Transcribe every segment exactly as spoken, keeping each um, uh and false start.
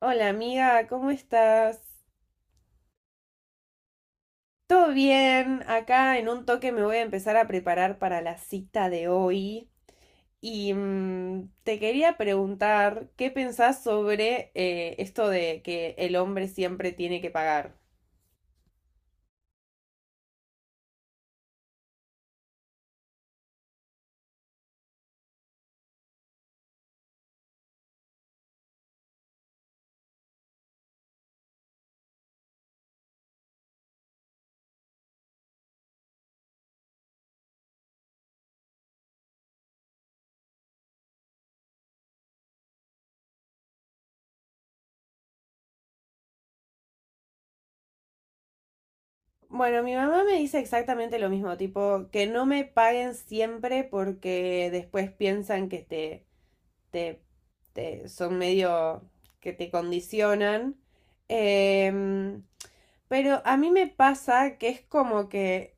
Hola amiga, ¿cómo estás? ¿Todo bien? Acá en un toque me voy a empezar a preparar para la cita de hoy y mm, te quería preguntar qué pensás sobre eh, esto de que el hombre siempre tiene que pagar. Bueno, mi mamá me dice exactamente lo mismo, tipo, que no me paguen siempre porque después piensan que te, te, te son medio que te condicionan. Em, Pero a mí me pasa que es como que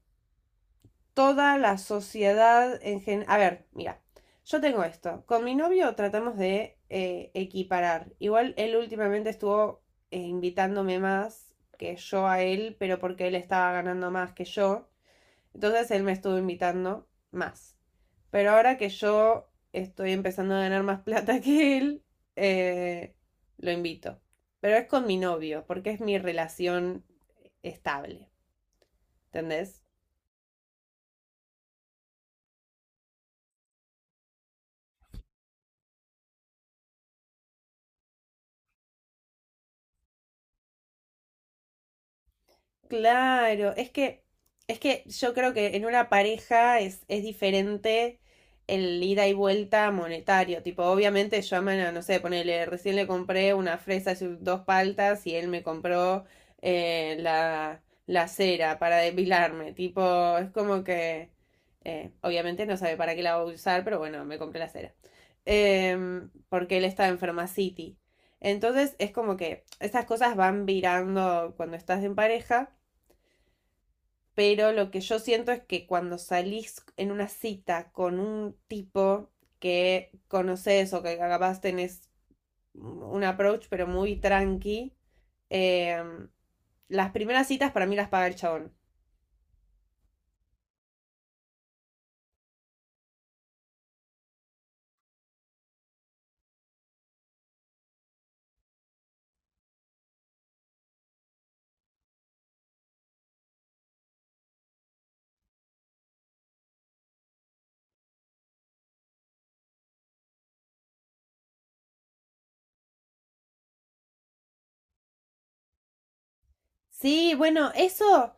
toda la sociedad en general. A ver, mira, yo tengo esto. Con mi novio tratamos de eh, equiparar. Igual él últimamente estuvo eh, invitándome más que yo a él, pero porque él estaba ganando más que yo. Entonces él me estuvo invitando más. Pero ahora que yo estoy empezando a ganar más plata que él, eh, lo invito. Pero es con mi novio, porque es mi relación estable. ¿Entendés? Claro, es que, es que yo creo que en una pareja es, es diferente el ida y vuelta monetario. Tipo, obviamente llaman a, no sé, ponele, recién le compré una fresa y sus dos paltas y él me compró eh, la, la cera para depilarme. Tipo, es como que, eh, obviamente no sabe para qué la voy a usar, pero bueno, me compré la cera. Em, porque él está en Pharmacity. Entonces es como que estas cosas van virando cuando estás en pareja, pero lo que yo siento es que cuando salís en una cita con un tipo que conoces, o que capaz tenés un approach pero muy tranqui, eh, las primeras citas para mí las paga el chabón. Sí, bueno, eso,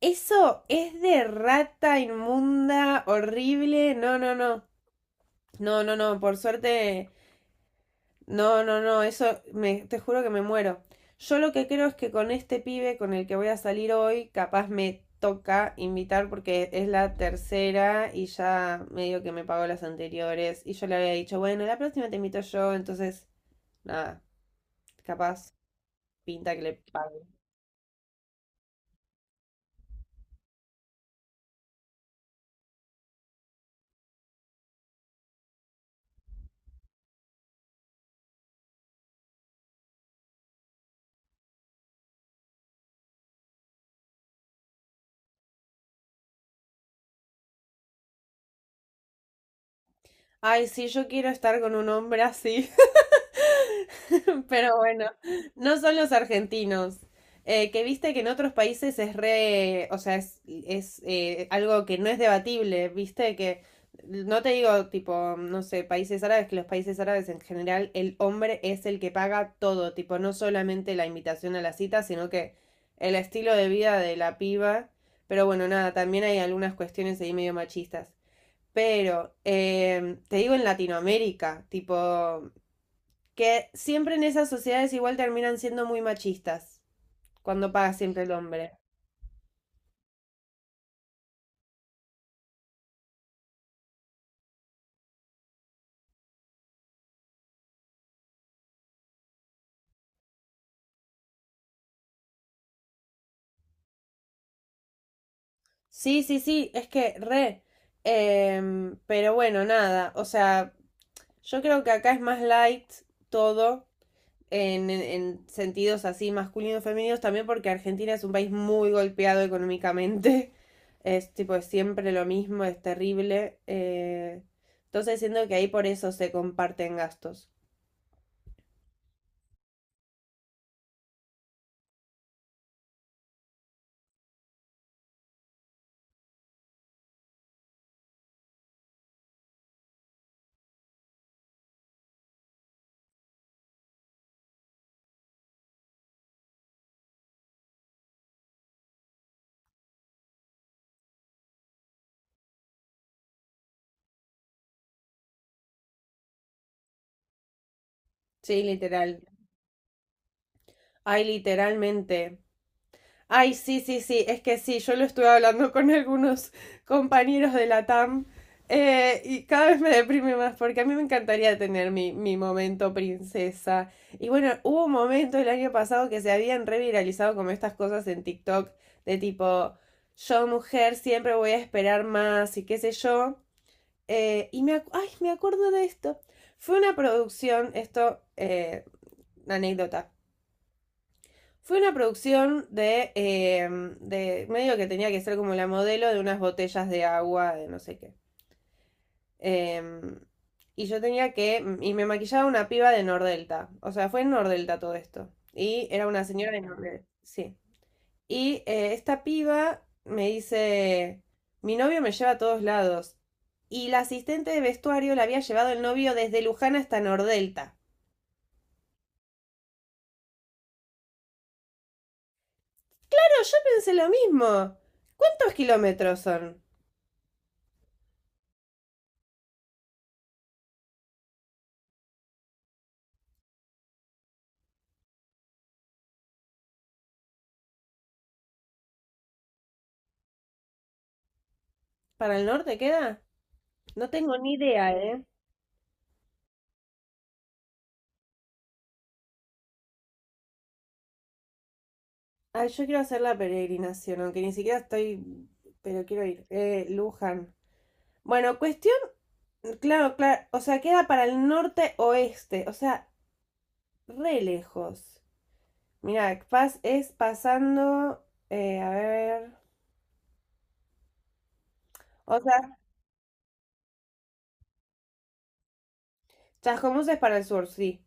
eso es de rata inmunda, horrible, no, no, no, no, no, no, por suerte. No, no, no, eso me, te juro que me muero. Yo lo que creo es que con este pibe con el que voy a salir hoy, capaz me toca invitar porque es la tercera y ya medio que me pagó las anteriores, y yo le había dicho, bueno, la próxima te invito yo, entonces, nada, capaz pinta que le pague. Ay, sí, yo quiero estar con un hombre así. Pero bueno, no son los argentinos. Eh, que viste que en otros países es re, o sea, es, es eh, algo que no es debatible, viste que, no te digo tipo, no sé, países árabes, que los países árabes en general el hombre es el que paga todo, tipo, no solamente la invitación a la cita, sino que el estilo de vida de la piba. Pero bueno, nada, también hay algunas cuestiones ahí medio machistas. Pero, em, te digo en Latinoamérica, tipo, que siempre en esas sociedades igual terminan siendo muy machistas, cuando paga siempre el hombre. Sí, sí, sí, es que re. Em, pero bueno, nada, o sea, yo creo que acá es más light todo en, en- en sentidos así masculinos, femeninos, también porque Argentina es un país muy golpeado económicamente. Es tipo es siempre lo mismo, es terrible. Eh, entonces siento que ahí por eso se comparten gastos. Sí, literal. Ay, literalmente. Ay, sí, sí, sí, es que sí, yo lo estuve hablando con algunos compañeros de la T A M, eh, y cada vez me deprime más porque a mí me encantaría tener mi, mi momento princesa. Y bueno, hubo un momento el año pasado que se habían reviralizado como estas cosas en TikTok, de tipo, yo mujer siempre voy a esperar más y qué sé yo. Eh, y me, ac- ay, me acuerdo de esto. Fue una producción, esto, eh, anécdota. Fue una producción de, eh, de medio que tenía que ser como la modelo de unas botellas de agua, de no sé qué. Em, y yo tenía que, y me maquillaba una piba de Nordelta. O sea, fue en Nordelta todo esto. Y era una señora de Nordelta. Sí. Y eh, esta piba me dice, mi novio me lleva a todos lados. Y la asistente de vestuario la había llevado el novio desde Luján hasta Nordelta. Pero yo pensé lo mismo. ¿Cuántos kilómetros son? ¿Para el norte queda? No tengo ni idea, ¿eh? Ay, yo quiero hacer la peregrinación, aunque ni siquiera estoy, pero quiero ir. Eh, Luján. Bueno, cuestión, claro, claro, o sea, queda para el norte oeste, o sea, re lejos. Mirá, Paz es pasando, eh, a ver, o sea, Chascomús es para el sur, sí.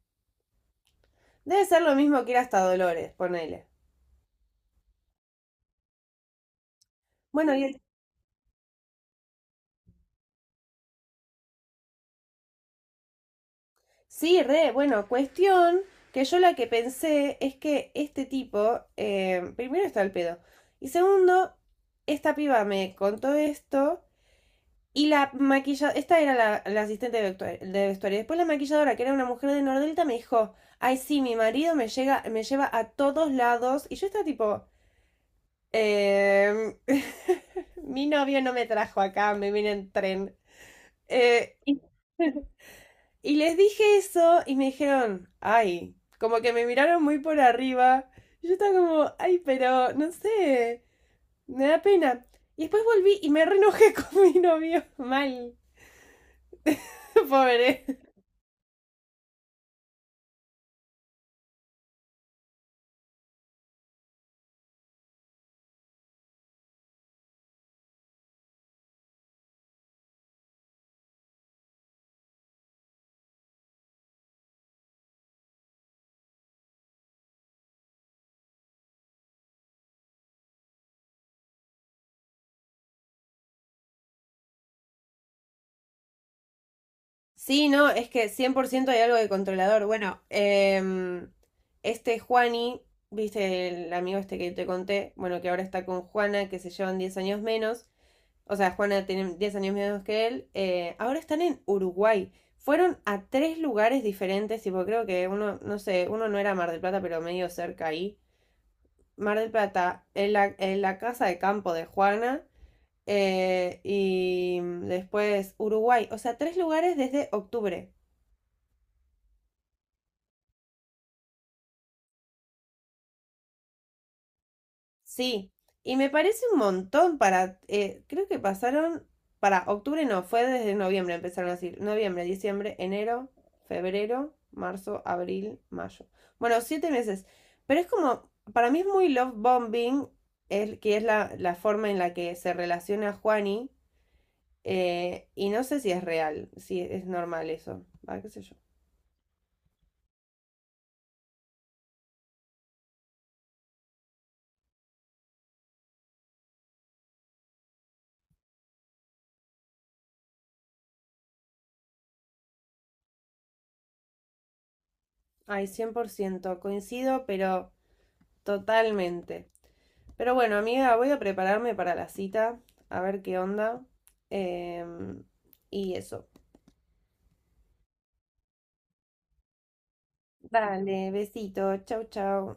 Debe ser lo mismo que ir hasta Dolores, ponele. Bueno, y sí, re, bueno, cuestión que yo la que pensé es que este tipo, eh, primero está el pedo, y segundo, esta piba me contó esto y la maquilladora, esta era la, la asistente de vestu- de vestuario, después la maquilladora, que era una mujer de Nordelta, me dijo, ay, sí, mi marido me llega, me lleva a todos lados, y yo estaba tipo, "Em, mi novio no me trajo acá, me vine en tren. Eh, y les dije eso y me dijeron, ay, como que me miraron muy por arriba. Y yo estaba como, ay, pero no sé, me da pena. Y después volví y me renojé con mi novio. Mal. Pobre. Sí, no, es que cien por ciento hay algo de controlador. Bueno, em, este Juani, viste el amigo este que te conté, bueno, que ahora está con Juana, que se llevan diez años menos. O sea, Juana tiene diez años menos que él. Eh, ahora están en Uruguay. Fueron a tres lugares diferentes, tipo, creo que uno, no sé, uno no era Mar del Plata, pero medio cerca ahí. Mar del Plata, en la, en la casa de campo de Juana, eh, y después Uruguay. O sea, tres lugares desde octubre. Sí, y me parece un montón para, eh, creo que pasaron, para octubre no, fue desde noviembre empezaron a así, noviembre, diciembre, enero, febrero, marzo, abril, mayo. Bueno, siete meses, pero es como, para mí es muy love bombing, el, que es la, la forma en la que se relaciona Juani, eh, y no sé si es real, si es normal eso, ah, qué sé yo. Ay, cien por ciento coincido, pero totalmente. Pero bueno, amiga, voy a prepararme para la cita, a ver qué onda. em, y eso. Dale, besito, chau, chau.